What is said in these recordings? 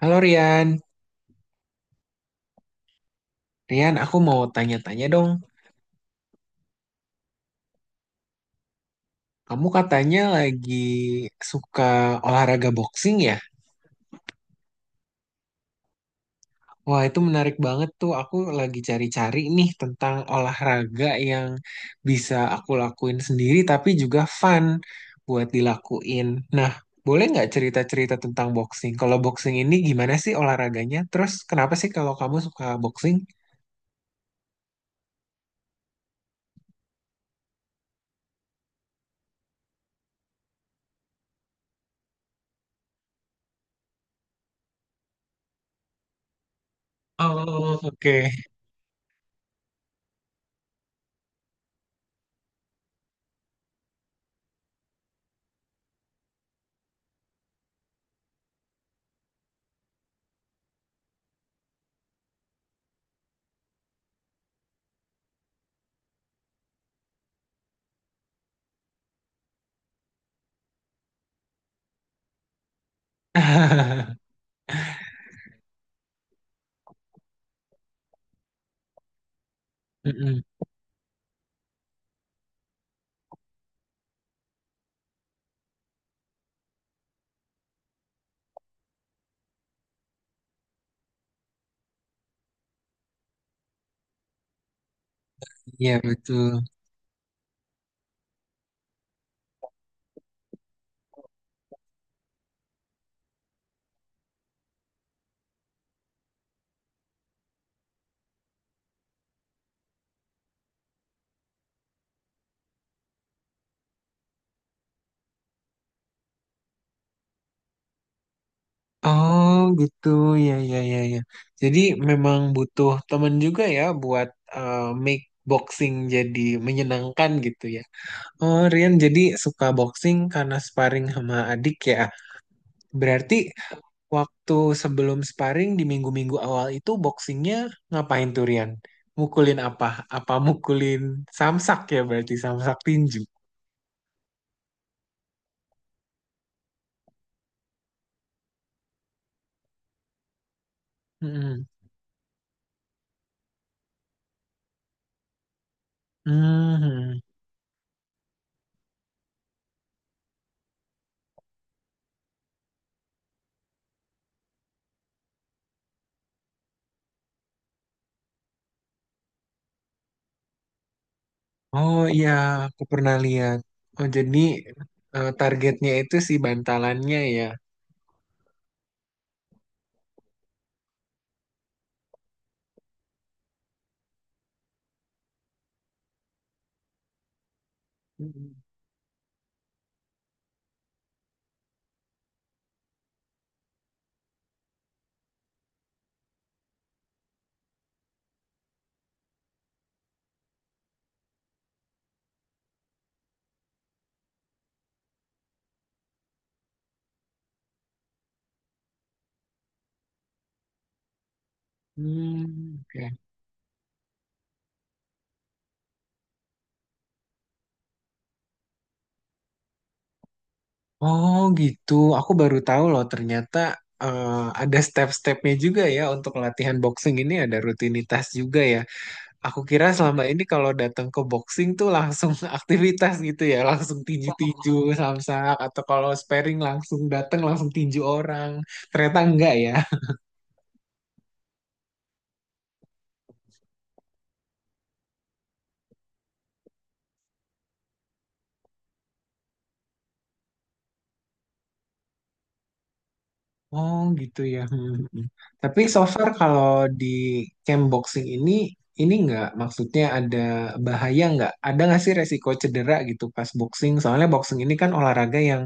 Halo Rian. Rian, aku mau tanya-tanya dong. Kamu katanya lagi suka olahraga boxing ya? Wah, itu menarik banget tuh. Aku lagi cari-cari nih tentang olahraga yang bisa aku lakuin sendiri tapi juga fun buat dilakuin. Nah, boleh nggak cerita-cerita tentang boxing? Kalau boxing ini gimana sih olahraganya? Terus kenapa sih kalau kamu suka boxing? Oh, oke. Mm-mm. Iya, betul. Oh gitu, ya ya ya ya. Jadi memang butuh teman juga ya buat eh, make boxing jadi menyenangkan gitu ya. Oh, Rian jadi suka boxing karena sparring sama adik ya. Berarti waktu sebelum sparring di minggu-minggu awal itu boxingnya ngapain tuh, Rian? Mukulin apa? Apa mukulin samsak, ya berarti samsak tinju. Mm-mm. Mhm. Oh iya, aku pernah lihat. Oh jadi, targetnya itu si bantalannya ya. Hmm, hmm, oke. Oh gitu. Aku baru tahu loh ternyata eh, ada step-stepnya juga ya untuk latihan boxing ini, ada rutinitas juga ya. Aku kira selama ini kalau datang ke boxing tuh langsung aktivitas gitu ya, langsung tinju-tinju samsak atau kalau sparring langsung datang langsung tinju orang. Ternyata enggak ya. Oh gitu ya. Hmm, hmm, hmm. Tapi so far kalau di camp boxing ini nggak maksudnya ada bahaya nggak? Ada nggak sih resiko cedera gitu pas boxing? Soalnya boxing ini kan olahraga yang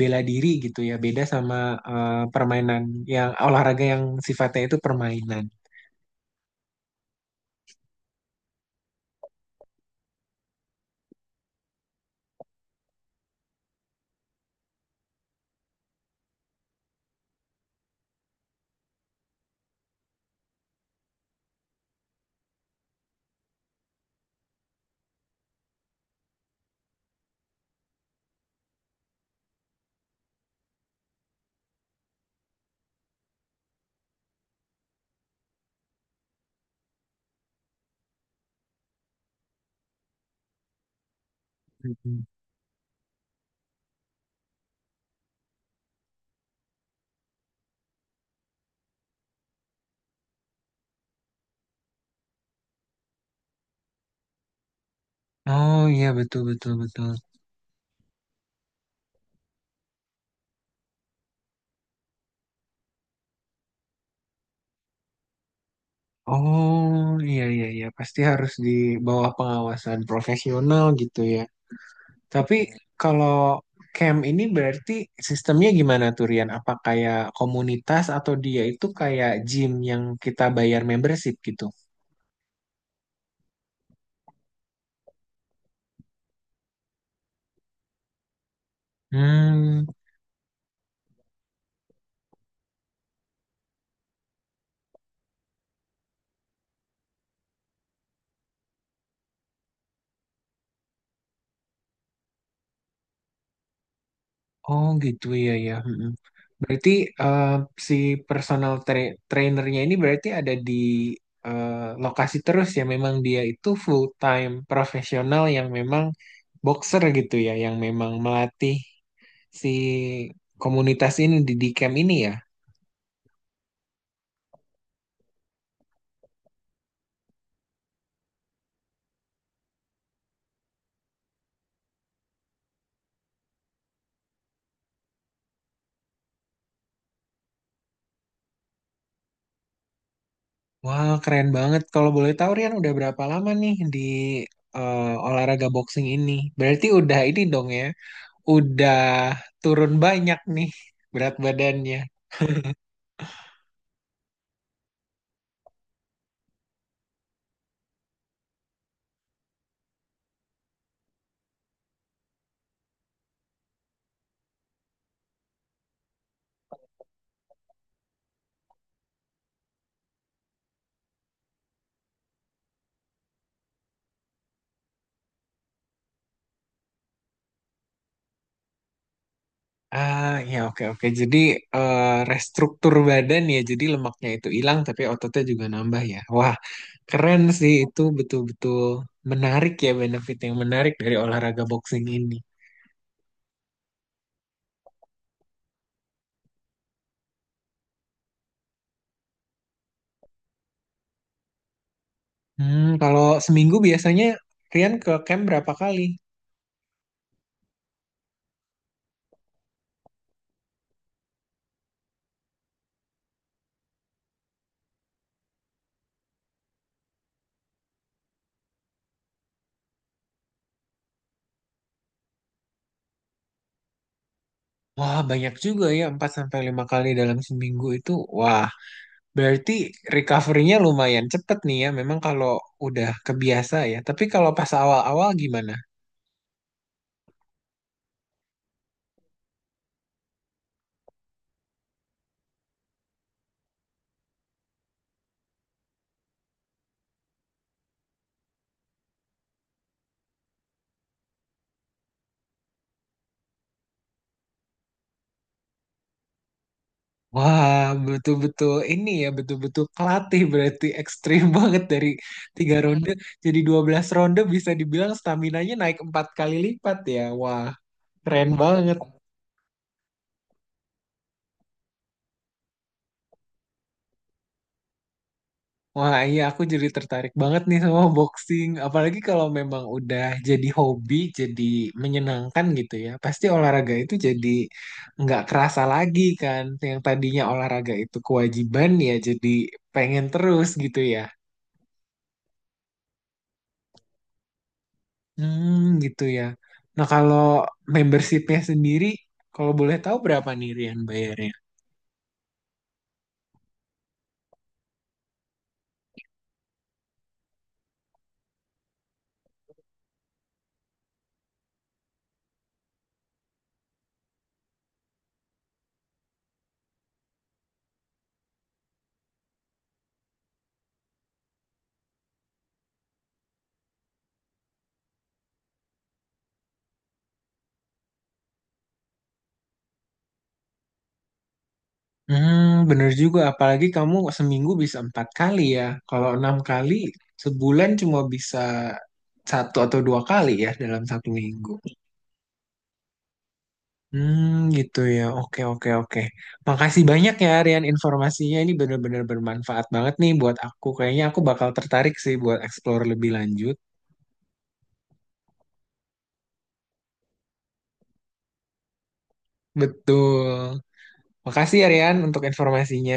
bela diri gitu ya, beda sama permainan yang olahraga yang sifatnya itu permainan. Hmm, hmm. Oh iya, betul betul betul. Oh iya iya iya, pasti harus di bawah pengawasan profesional gitu ya. Tapi kalau camp ini berarti sistemnya gimana tuh, Rian? Apa kayak komunitas atau dia itu kayak gym yang kita bayar membership gitu? Hmm, oh gitu ya ya. Mm-mm. Berarti eh, si personal trainernya ini berarti ada di eh, lokasi terus ya. Memang dia itu full time profesional yang memang boxer gitu ya, yang memang melatih si komunitas ini di camp ini ya. Wah, keren banget. Kalau boleh tahu, Rian udah berapa lama nih di eh, olahraga boxing ini? Berarti udah ini dong ya, udah turun banyak nih berat badannya. Ah, ya oke oke. Jadi eh, restruktur badan ya, jadi lemaknya itu hilang tapi ototnya juga nambah ya. Wah, keren sih itu betul-betul menarik ya, benefit yang menarik dari olahraga boxing ini. Hmm, kalau seminggu biasanya Rian ke camp berapa kali? Wah, banyak juga ya, 4 sampai 5 kali dalam seminggu itu. Wah, berarti recovery-nya lumayan cepet nih ya, memang kalau udah kebiasa ya. Tapi kalau pas awal-awal gimana? Wah, betul-betul ini ya, betul-betul kelatih berarti ekstrim banget dari 3 ronde jadi 12 ronde, bisa dibilang stamina-nya naik 4 kali lipat ya. Wah. Keren banget. Wah, iya aku jadi tertarik banget nih sama boxing. Apalagi kalau memang udah jadi hobi, jadi menyenangkan gitu ya. Pasti olahraga itu jadi nggak kerasa lagi kan. Yang tadinya olahraga itu kewajiban ya, jadi pengen terus gitu ya. Hmm, gitu ya. Nah, kalau membershipnya sendiri, kalau boleh tahu berapa nih Rian bayarnya? Hmm, bener juga. Apalagi kamu seminggu bisa 4 kali ya. Kalau 6 kali, sebulan cuma bisa satu atau dua kali ya dalam satu minggu. Hmm, gitu ya. Oke, oke, oke. Makasih banyak ya, Rian, informasinya. Ini bener-bener bermanfaat banget nih buat aku. Kayaknya aku bakal tertarik sih buat explore lebih lanjut. Betul. Makasih ya, Rian, untuk informasinya.